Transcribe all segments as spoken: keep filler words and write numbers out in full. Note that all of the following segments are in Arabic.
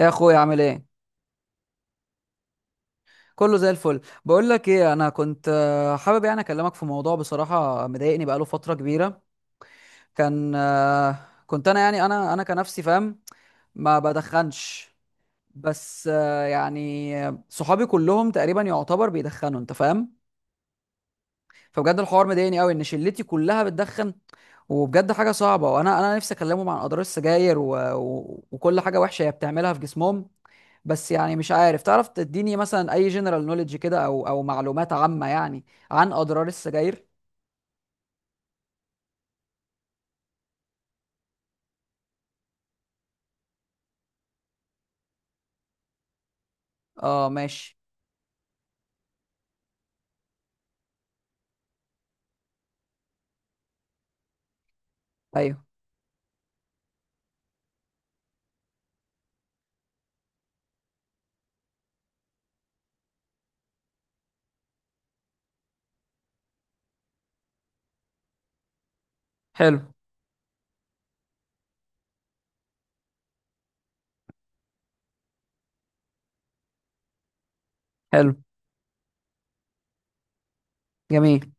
يا اخويا عامل ايه؟ كله زي الفل. بقول لك ايه، انا كنت آه، حابب يعني اكلمك في موضوع بصراحه مضايقني بقاله فتره كبيره. كان آه، كنت انا يعني انا انا كنفسي فاهم، ما بدخنش. بس آه، يعني آه، صحابي كلهم تقريبا يعتبر بيدخنوا، انت فاهم. فبجد الحوار مضايقني قوي ان شلتي كلها بتدخن، وبجد حاجه صعبه. وانا انا نفسي اكلمهم عن اضرار السجاير و... و... وكل حاجه وحشه هي بتعملها في جسمهم. بس يعني مش عارف، تعرف تديني مثلا اي جنرال نوليدج كده او او معلومات عامة يعني، عن اضرار السجاير؟ اه، ماشي. ايوه. حلو. حلو. جميل.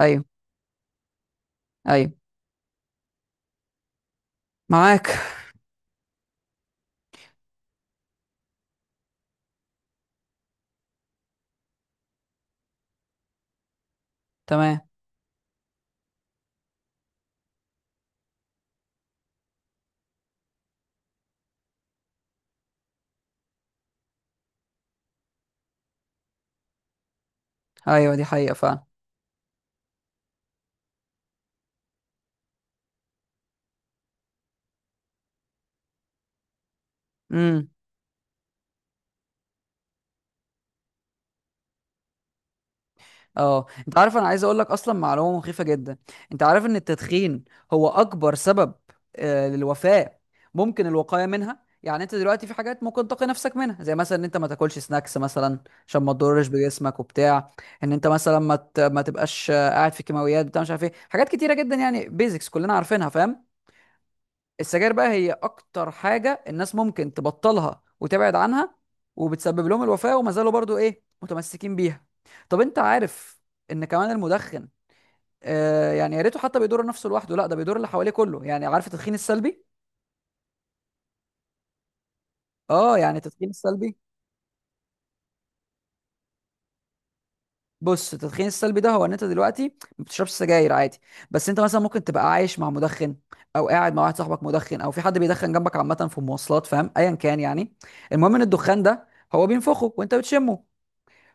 ايوه. ايوه. معاك. تمام. ايوه دي حقيقة فعلا. اه، انت عارف انا عايز اقول لك اصلا معلومه مخيفه جدا. انت عارف ان التدخين هو اكبر سبب آه، للوفاه ممكن الوقايه منها. يعني انت دلوقتي في حاجات ممكن تقي نفسك منها، زي مثلا ان انت ما تاكلش سناكس مثلا عشان ما تضرش بجسمك وبتاع، ان انت مثلا ما ت... ما تبقاش آه، قاعد في كيماويات، بتاع مش عارف ايه، حاجات كتيره جدا يعني بيزكس كلنا عارفينها فاهم. السجاير بقى هي اكتر حاجه الناس ممكن تبطلها وتبعد عنها، وبتسبب لهم الوفاه، وما زالوا برضو ايه متمسكين بيها. طب انت عارف ان كمان المدخن، آه يعني يا ريته حتى بيضر نفسه لوحده، لا ده بيضر اللي حواليه كله، يعني عارف التدخين السلبي؟ اه يعني التدخين السلبي، بص التدخين السلبي ده هو ان انت دلوقتي ما بتشربش سجاير عادي، بس انت مثلا ممكن تبقى عايش مع مدخن، او قاعد مع واحد صاحبك مدخن، او في حد بيدخن جنبك عامه في المواصلات فاهم، ايا كان يعني. المهم ان الدخان ده هو بينفخه وانت بتشمه،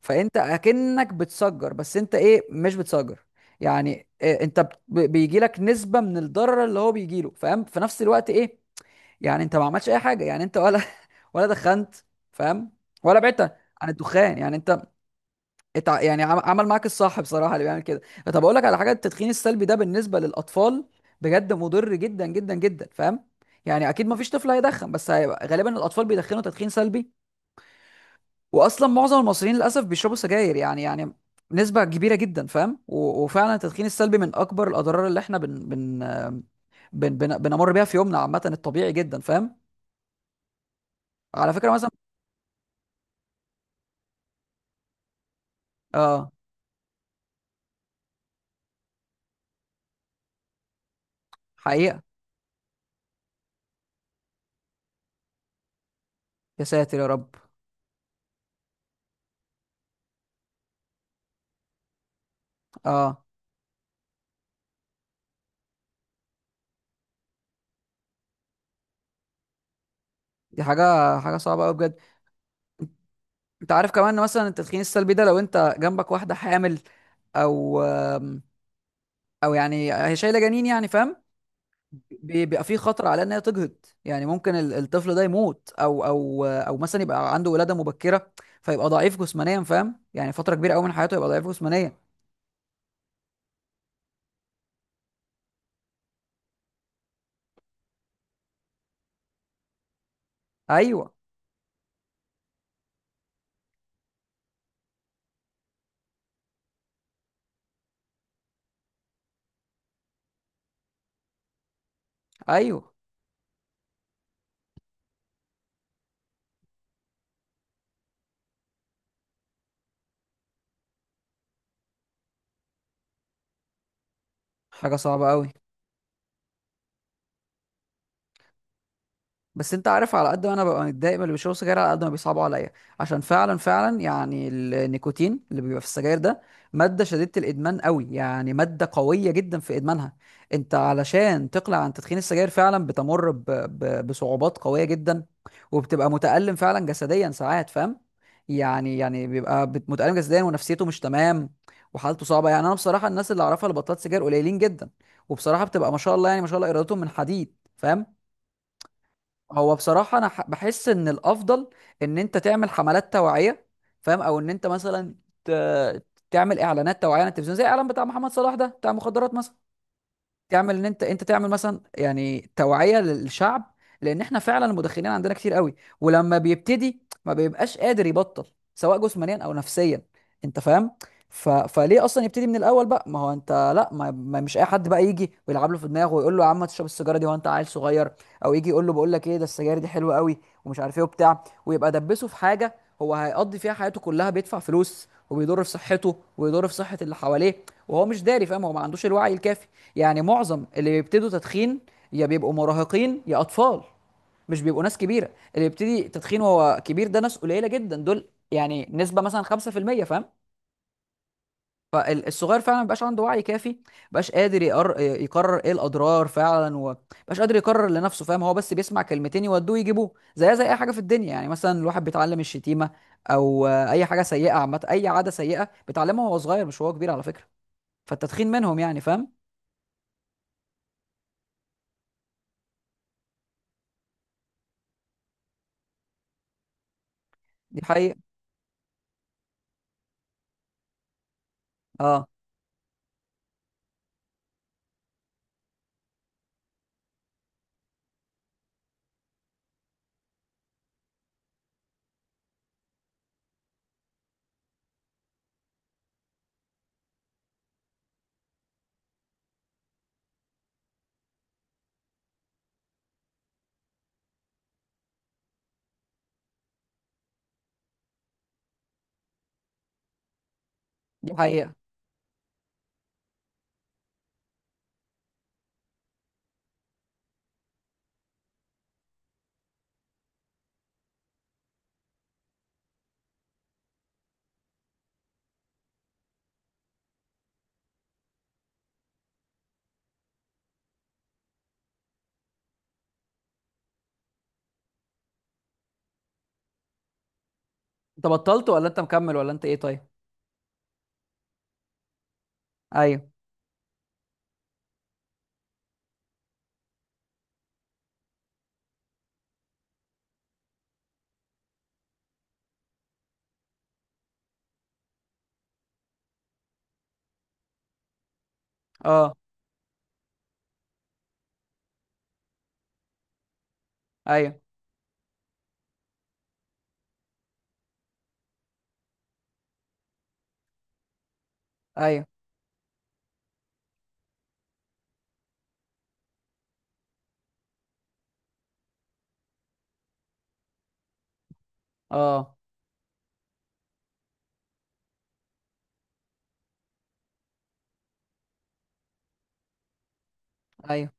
فانت اكنك بتسجر، بس انت ايه مش بتسجر. يعني إيه، انت بيجي لك نسبه من الضرر اللي هو بيجي له، فاهم، في نفس الوقت ايه، يعني انت ما عملتش اي حاجه يعني، انت ولا ولا دخنت، فاهم، ولا بعدت عن الدخان. يعني انت اتع... يعني عم- عمل معاك الصح بصراحه اللي بيعمل كده. طب اقول لك على حاجه، التدخين السلبي ده بالنسبه للاطفال بجد مضر جدا جدا جدا فاهم. يعني اكيد ما فيش طفل هيدخن، بس هيبقى غالبا الاطفال بيدخنوا تدخين سلبي. واصلا معظم المصريين للاسف بيشربوا سجاير يعني، يعني نسبه كبيره جدا فاهم. و- وفعلا التدخين السلبي من اكبر الاضرار اللي احنا بن بن بن بن بنمر بيها في يومنا عامه، الطبيعي جدا فاهم. على فكره مثلا. اه. حقيقه. يا ساتر يا رب. اه. دي حاجه، حاجه صعبه قوي بجد. انت عارف كمان ان مثلا التدخين السلبي ده لو انت جنبك واحده حامل، او او يعني هي شايله جنين يعني فاهم، بي- بيبقى في خطر على ان هي تجهض، يعني ممكن ال- الطفل ده يموت، او او او مثلا يبقى عنده ولاده مبكره، فيبقى ضعيف جسمانيا فاهم، يعني فتره كبيره قوي من حياته يبقى ضعيف جسمانيا. ايوه. ايوه. حاجه صعبه قوي. بس انت عارف، على قد ما انا ببقى متضايق من اللي بيشربوا سجاير، على قد ما بيصعبوا عليا، عشان فعلا فعلا يعني النيكوتين اللي بيبقى في السجاير ده ماده شديده الادمان قوي، يعني ماده قويه جدا في ادمانها. انت علشان تقلع عن تدخين السجاير فعلا بتمر ب... ب... بصعوبات قويه جدا، وبتبقى متألم فعلا جسديا ساعات فاهم، يعني يعني بيبقى بت- متألم جسديا، ونفسيته مش تمام، وحالته صعبه. يعني انا بصراحه الناس اللي اعرفها اللي بطلت سجاير قليلين جدا، وبصراحه بتبقى ما شاء الله، يعني ما شاء الله ارادتهم من حديد فاهم. هو بصراحة أنا ح- بحس إن الأفضل إن أنت تعمل حملات توعية فاهم، أو إن أنت مثلا ت... تعمل إعلانات توعية على التلفزيون، زي الإعلان بتاع محمد صلاح ده بتاع مخدرات مثلا. تعمل ان انت، انت تعمل مثلا يعني توعيه للشعب، لان احنا فعلا المدخنين عندنا كتير قوي. ولما بيبتدي ما بيبقاش قادر يبطل سواء جسمانيا او نفسيا، انت فاهم. ف... فليه اصلا يبتدي من الاول بقى؟ ما هو انت لا ما... ما مش اي حد بقى يجي ويلعب له في دماغه ويقول له يا عم تشرب السيجاره دي وانت عيل صغير، او يجي يقول له بقول لك ايه، ده السجاير دي حلوه قوي ومش عارف ايه وبتاع، ويبقى دبسه في حاجه هو هيقضي فيها حياته كلها، بيدفع فلوس وبيضر في صحته وبيضر في صحه اللي حواليه وهو مش داري فاهم، هو ما عندوش الوعي الكافي. يعني معظم اللي بيبتدوا تدخين يا بيبقوا مراهقين يا اطفال، مش بيبقوا ناس كبيره. اللي بيبتدي تدخين وهو كبير ده ناس قليله جدا دول، يعني نسبه مثلا خمسة في المية فاهم. فالصغير فعلا مبقاش عنده وعي كافي، مبقاش قادر يقر... يقرر ايه الاضرار فعلا، ومبقاش قادر يقرر لنفسه فاهم. هو بس بيسمع كلمتين يودوه يجيبوه، زي زي اي حاجه في الدنيا، يعني مثلا الواحد بيتعلم الشتيمه او آه، اي حاجه سيئه عامه، اي عاده سيئه بيتعلمها وهو صغير، مش وهو كبير على فكره. فالتدخين منهم يعني فاهم. دي حقيقه. اه دي حقيقه. انت بطلت ولا انت مكمل ولا انت ايه طيب؟ ايوه. اه. ايوه. ايوه. اه. ايوه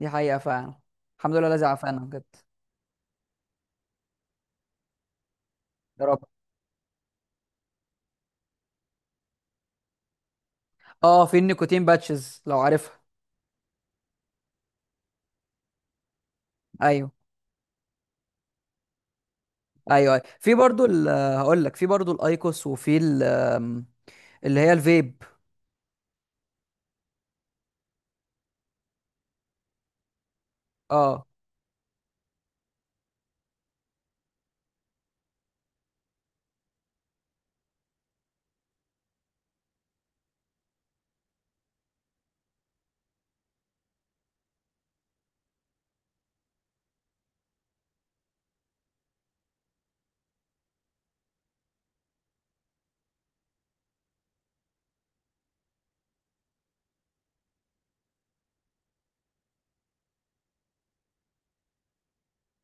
دي حقيقة فعلا. الحمد لله الذي عافانا بجد. يا رب. اه، في النيكوتين باتشز لو عارفها. ايوه. ايوه. ايوه، في برضو ال- هقول لك، في برضو الايكوس، وفي ال- آم، اللي هي الفيب. اه.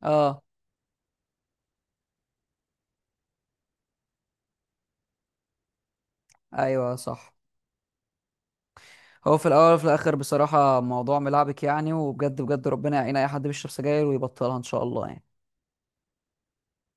اه. ايوه صح. هو في الاول وفي الاخر بصراحة موضوع ملعبك يعني، وبجد بجد ربنا يعين اي حد بيشرب سجاير ويبطلها ان شاء الله يعني.